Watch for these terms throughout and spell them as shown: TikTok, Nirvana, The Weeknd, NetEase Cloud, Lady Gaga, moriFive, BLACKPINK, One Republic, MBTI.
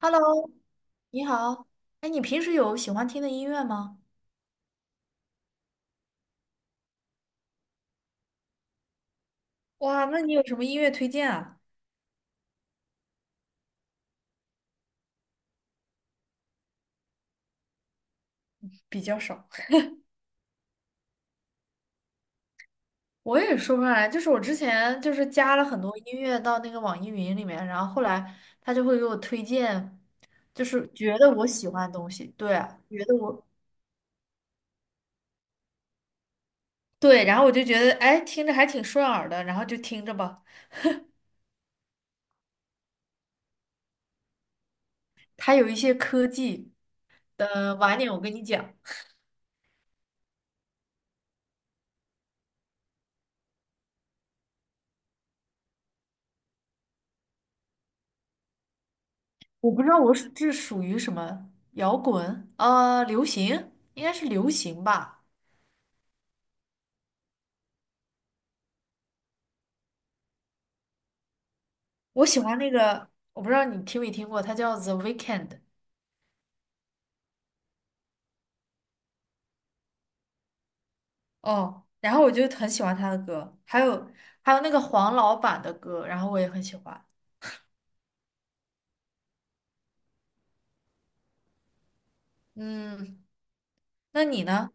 Hello，你好。哎，你平时有喜欢听的音乐吗？哇，那你有什么音乐推荐啊？比较少。我也说不上来，就是我之前就是加了很多音乐到那个网易云里面，然后后来他就会给我推荐，就是觉得我喜欢的东西。对啊，觉得我对，然后我就觉得，哎，听着还挺顺耳的，然后就听着吧。它有一些科技，晚点我跟你讲。我不知道我是这属于什么摇滚，流行，应该是流行吧。我喜欢那个，我不知道你听没听过，他叫 The Weeknd e。哦，然后我就很喜欢他的歌，还有那个黄老板的歌，然后我也很喜欢。嗯，那你呢？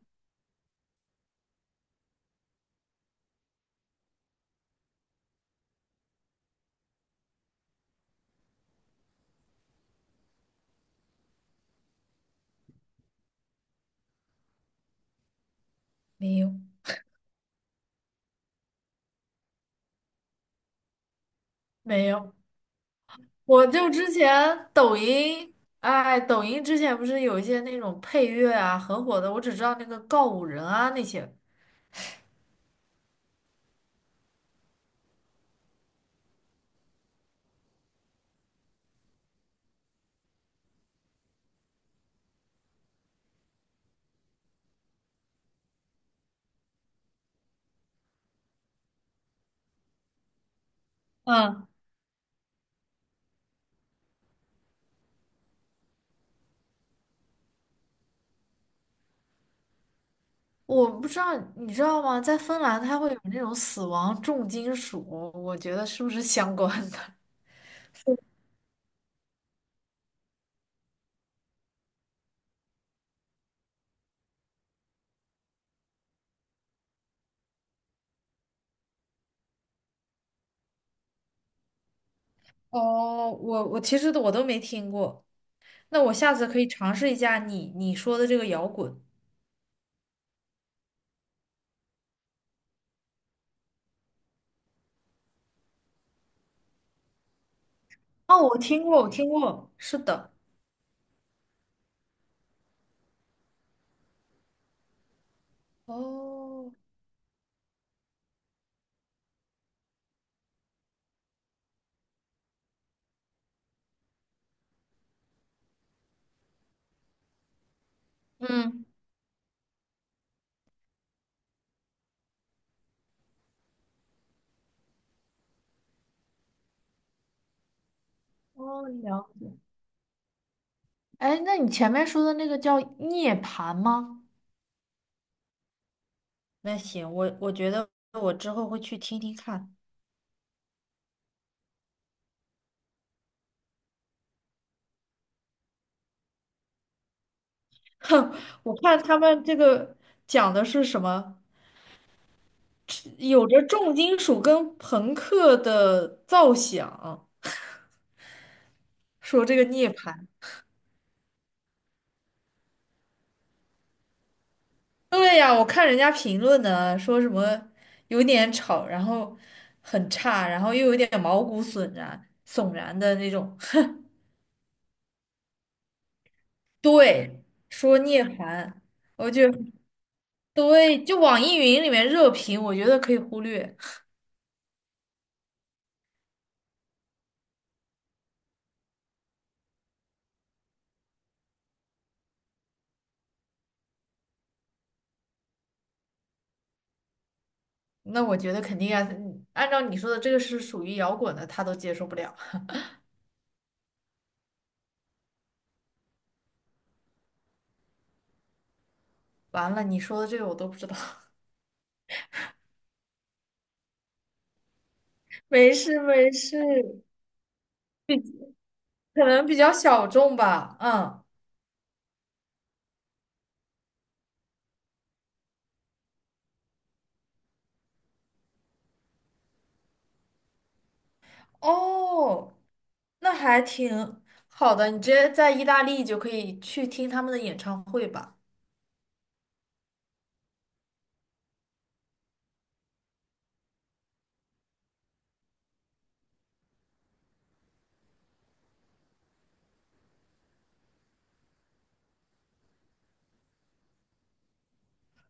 没有，没有，我就之前抖音，哎，抖音之前不是有一些那种配乐啊，很火的，我只知道那个告五人啊那些，嗯，我不知道你知道吗？在芬兰，它会有那种死亡重金属，我觉得是不是相关的？哦，我其实都没听过，那我下次可以尝试一下你说的这个摇滚。哦，我听过，我听过，是的，哦嗯，哦，了。哎，那你前面说的那个叫涅槃吗？那行，我觉得我之后会去听听看。哼，我看他们这个讲的是什么，有着重金属跟朋克的造响，说这个涅槃。对呀，我看人家评论呢，说什么有点吵，然后很差，然后又有点毛骨悚然、的那种。对，说聂槃，我觉得对，就网易云里面热评，我觉得可以忽略。那我觉得肯定啊，嗯按照你说的，这个是属于摇滚的，他都接受不了。完了，你说的这个我都不知道。没事没事，可能比较小众吧，嗯。哦，那还挺好的，你直接在意大利就可以去听他们的演唱会吧。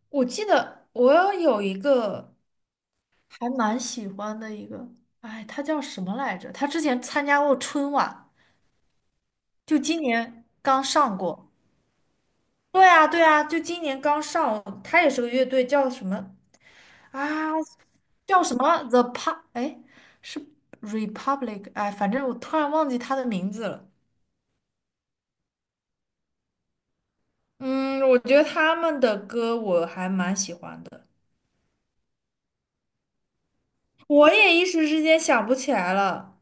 我记得我有一个还蛮喜欢的一个，哎，他叫什么来着？他之前参加过春晚，就今年刚上过。对啊，对啊，就今年刚上，他也是个乐队，叫什么啊？叫什么 The Pa？哎，是 Republic？哎，反正我突然忘记他的名字了。嗯，我觉得他们的歌我还蛮喜欢的，我也一时之间想不起来了。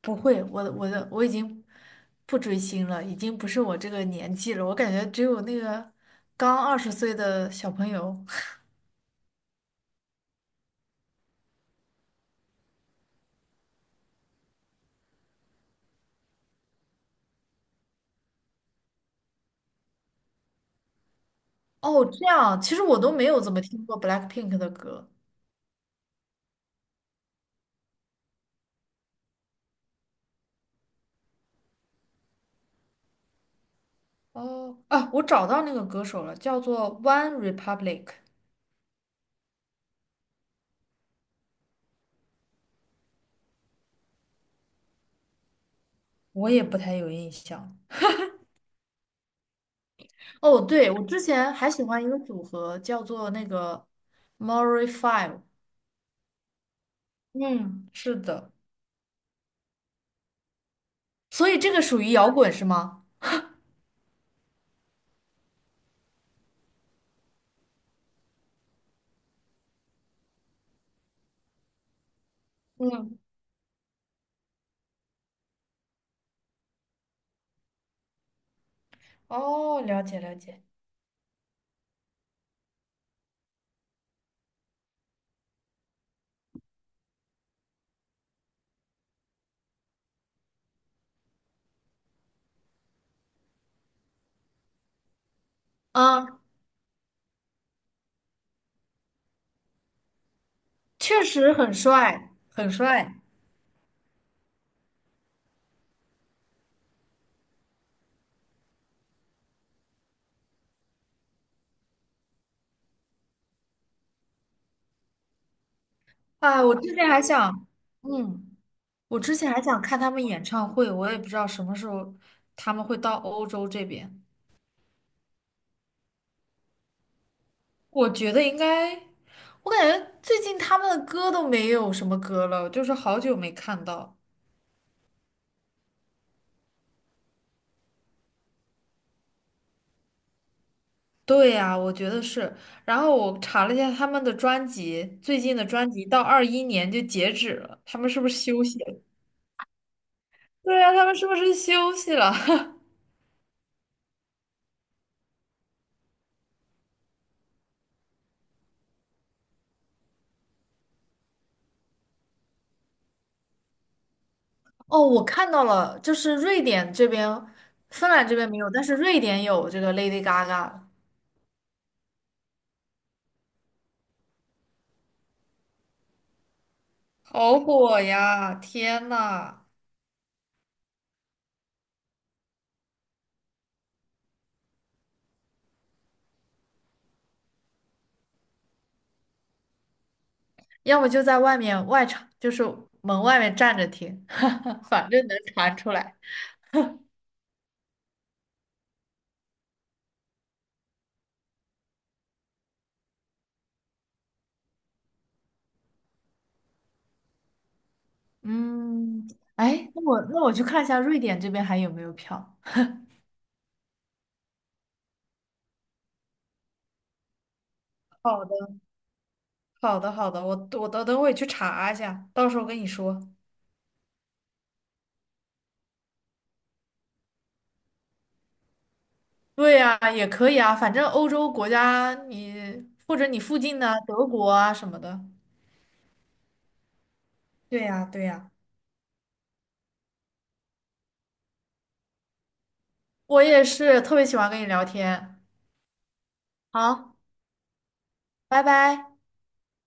不会，我的我已经不追星了，已经不是我这个年纪了。我感觉只有那个刚20岁的小朋友。哦，这样，其实我都没有怎么听过 BLACKPINK 的歌。哦，啊，我找到那个歌手了，叫做 One Republic,我也不太有印象。哦，对，我之前还喜欢一个组合，叫做那个 m o r i Five。嗯，是的，所以这个属于摇滚是吗？嗯，哦，了解了解。啊，确实很帅，很帅。啊，嗯，我之前还想看他们演唱会，我也不知道什么时候他们会到欧洲这边。我觉得应该，我感觉最近他们的歌都没有什么歌了，就是好久没看到。对呀，我觉得是。然后我查了一下他们的专辑，最近的专辑到21年就截止了，他们是不是休息了？对呀，他们是不是休息了？哦，我看到了，就是瑞典这边，芬兰这边没有，但是瑞典有这个 Lady Gaga,好火呀！天呐，要么就在外面外场，就是门外面站着听，反正能传出来。嗯，哎，那我去看一下瑞典这边还有没有票。好的。好的，好的，我等等会去查一下，到时候跟你说。对呀，也可以啊，反正欧洲国家你或者你附近的德国啊什么的，对呀，对呀，我也是特别喜欢跟你聊天。好，拜拜。